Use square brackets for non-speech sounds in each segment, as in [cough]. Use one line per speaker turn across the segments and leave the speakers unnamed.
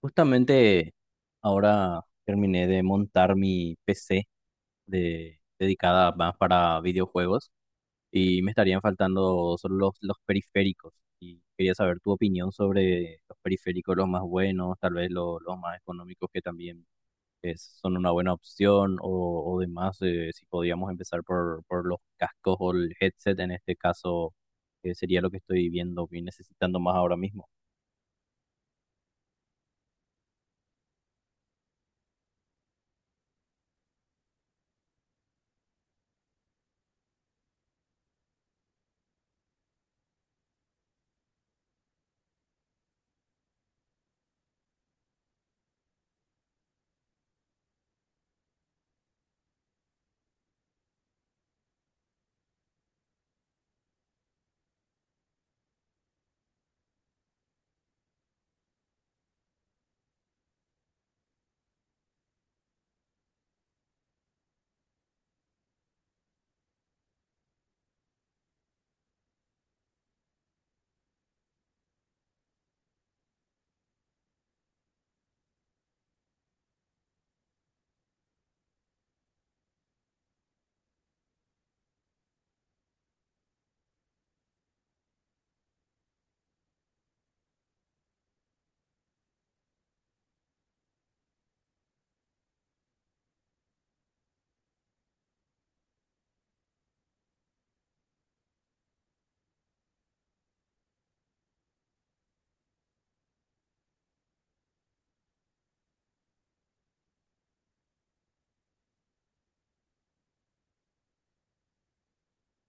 Justamente ahora terminé de montar mi PC dedicada más para videojuegos, y me estarían faltando solo los periféricos. Y quería saber tu opinión sobre los periféricos, los más buenos, tal vez los más económicos, que también son una buena opción o demás. Si podíamos empezar por los cascos o el headset en este caso, que sería lo que estoy viendo y necesitando más ahora mismo.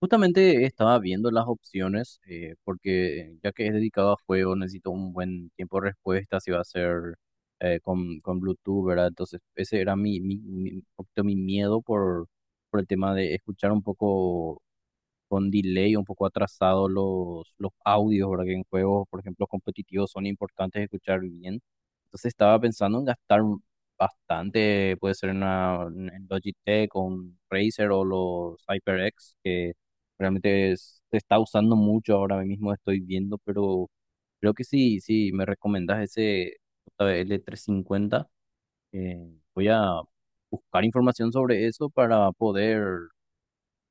Justamente estaba viendo las opciones, porque ya que es dedicado a juego, necesito un buen tiempo de respuesta, si va a ser con Bluetooth, ¿verdad? Entonces, ese era un poquito mi miedo por el tema de escuchar un poco con delay, un poco atrasado los audios, ¿verdad? Que en juegos, por ejemplo, competitivos son importantes de escuchar bien. Entonces estaba pensando en gastar bastante, puede ser en Logitech o un Razer o los HyperX, que realmente se está usando mucho ahora mismo, estoy viendo, pero creo que sí, sí, me recomendás ese JBL350. Voy a buscar información sobre eso para poder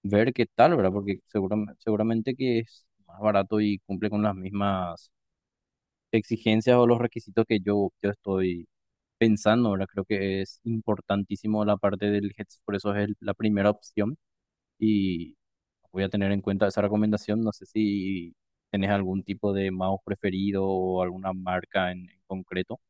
ver qué tal, ¿verdad? Porque seguramente, seguramente que es más barato y cumple con las mismas exigencias o los requisitos que yo estoy pensando, ¿verdad? Creo que es importantísimo la parte del headset, por eso es la primera opción, y voy a tener en cuenta esa recomendación. No sé si tenés algún tipo de mouse preferido o alguna marca en concreto.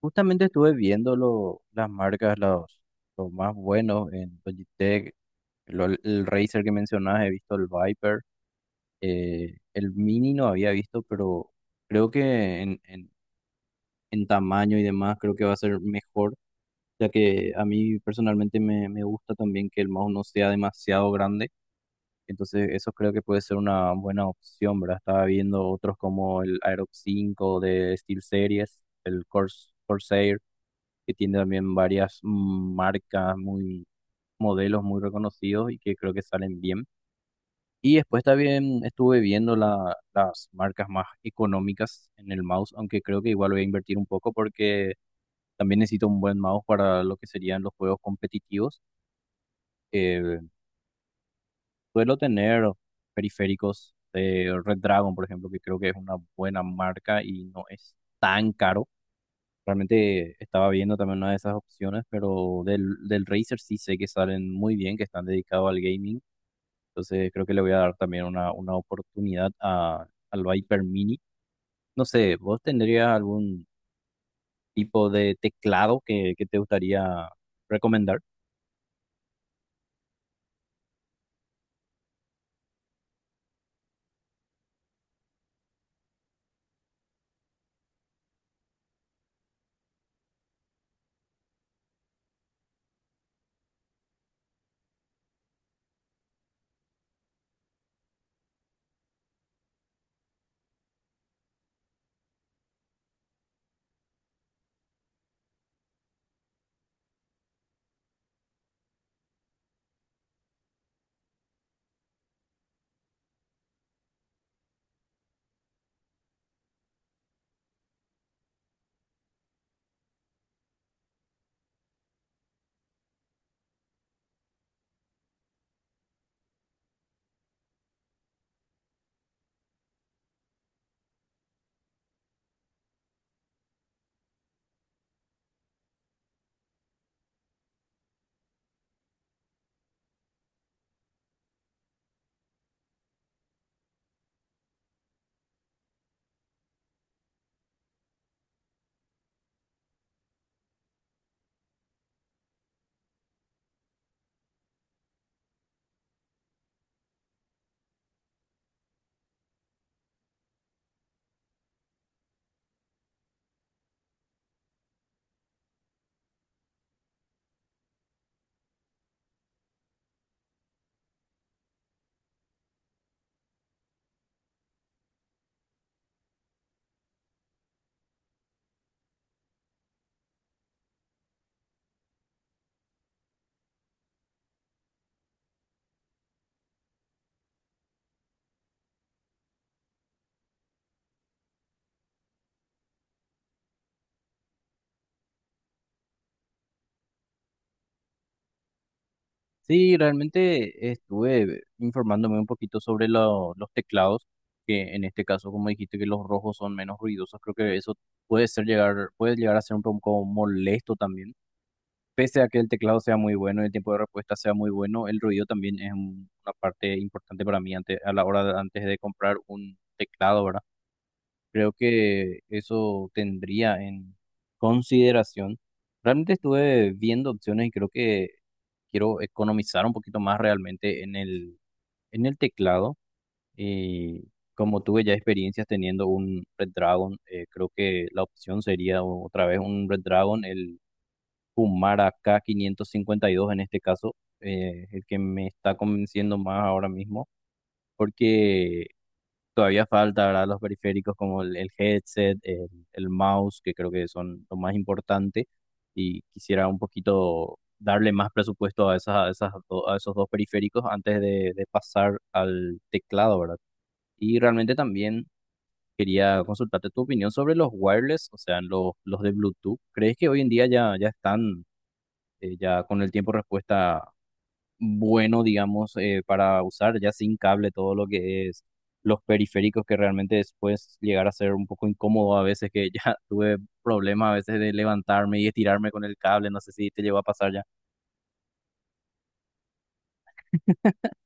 Justamente estuve viendo las marcas, los más buenos en Logitech, el Razer que mencionabas, he visto el Viper. El mini no había visto, pero creo que en tamaño y demás creo que va a ser mejor, ya que a mí personalmente me gusta también que el mouse no sea demasiado grande. Entonces eso creo que puede ser una buena opción, ¿verdad? Estaba viendo otros como el Aerox 5 de SteelSeries, el Corsair, que tiene también varias marcas, muy modelos muy reconocidos y que creo que salen bien. Y después también estuve viendo las marcas más económicas en el mouse, aunque creo que igual voy a invertir un poco, porque también necesito un buen mouse para lo que serían los juegos competitivos. Eh, suelo tener periféricos de Red Dragon, por ejemplo, que creo que es una buena marca y no es tan caro. Realmente estaba viendo también una de esas opciones, pero del Razer sí sé que salen muy bien, que están dedicados al gaming. Entonces creo que le voy a dar también una oportunidad al Viper Mini. No sé, ¿vos tendrías algún tipo de teclado que te gustaría recomendar? Sí, realmente estuve informándome un poquito sobre los teclados, que en este caso, como dijiste, que los rojos son menos ruidosos, creo que eso puede ser llegar, puede llegar a ser un poco molesto también. Pese a que el teclado sea muy bueno y el tiempo de respuesta sea muy bueno, el ruido también es una parte importante para mí a la hora antes de comprar un teclado, ¿verdad? Creo que eso tendría en consideración. Realmente estuve viendo opciones y creo que quiero economizar un poquito más realmente en el teclado. Y como tuve ya experiencias teniendo un Red Dragon, creo que la opción sería otra vez un Red Dragon, el Kumara k quinientos cincuenta y dos en este caso, El que me está convenciendo más ahora mismo, porque todavía falta, ¿verdad? Los periféricos como el headset, el mouse, que creo que son lo más importante. Y quisiera un poquito darle más presupuesto a esas, a esos dos periféricos antes de pasar al teclado, ¿verdad? Y realmente también quería consultarte tu opinión sobre los wireless, o sea, los de Bluetooth. ¿Crees que hoy en día ya están, ya con el tiempo respuesta bueno, digamos, para usar ya sin cable todo lo que es los periféricos, que realmente después llegar a ser un poco incómodo a veces, que ya [laughs] tuve problemas a veces de levantarme y estirarme con el cable? No sé si te llegó a pasar ya. [laughs]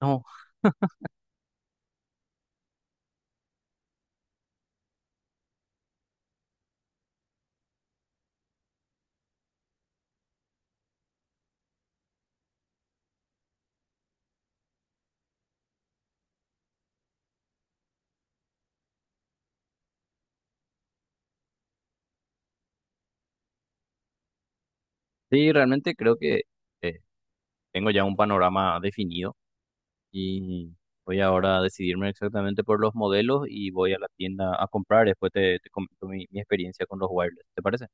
No, sí, realmente creo que eh, tengo ya un panorama definido, y voy ahora a decidirme exactamente por los modelos y voy a la tienda a comprar. Después te comento mi experiencia con los wireless, ¿te parece?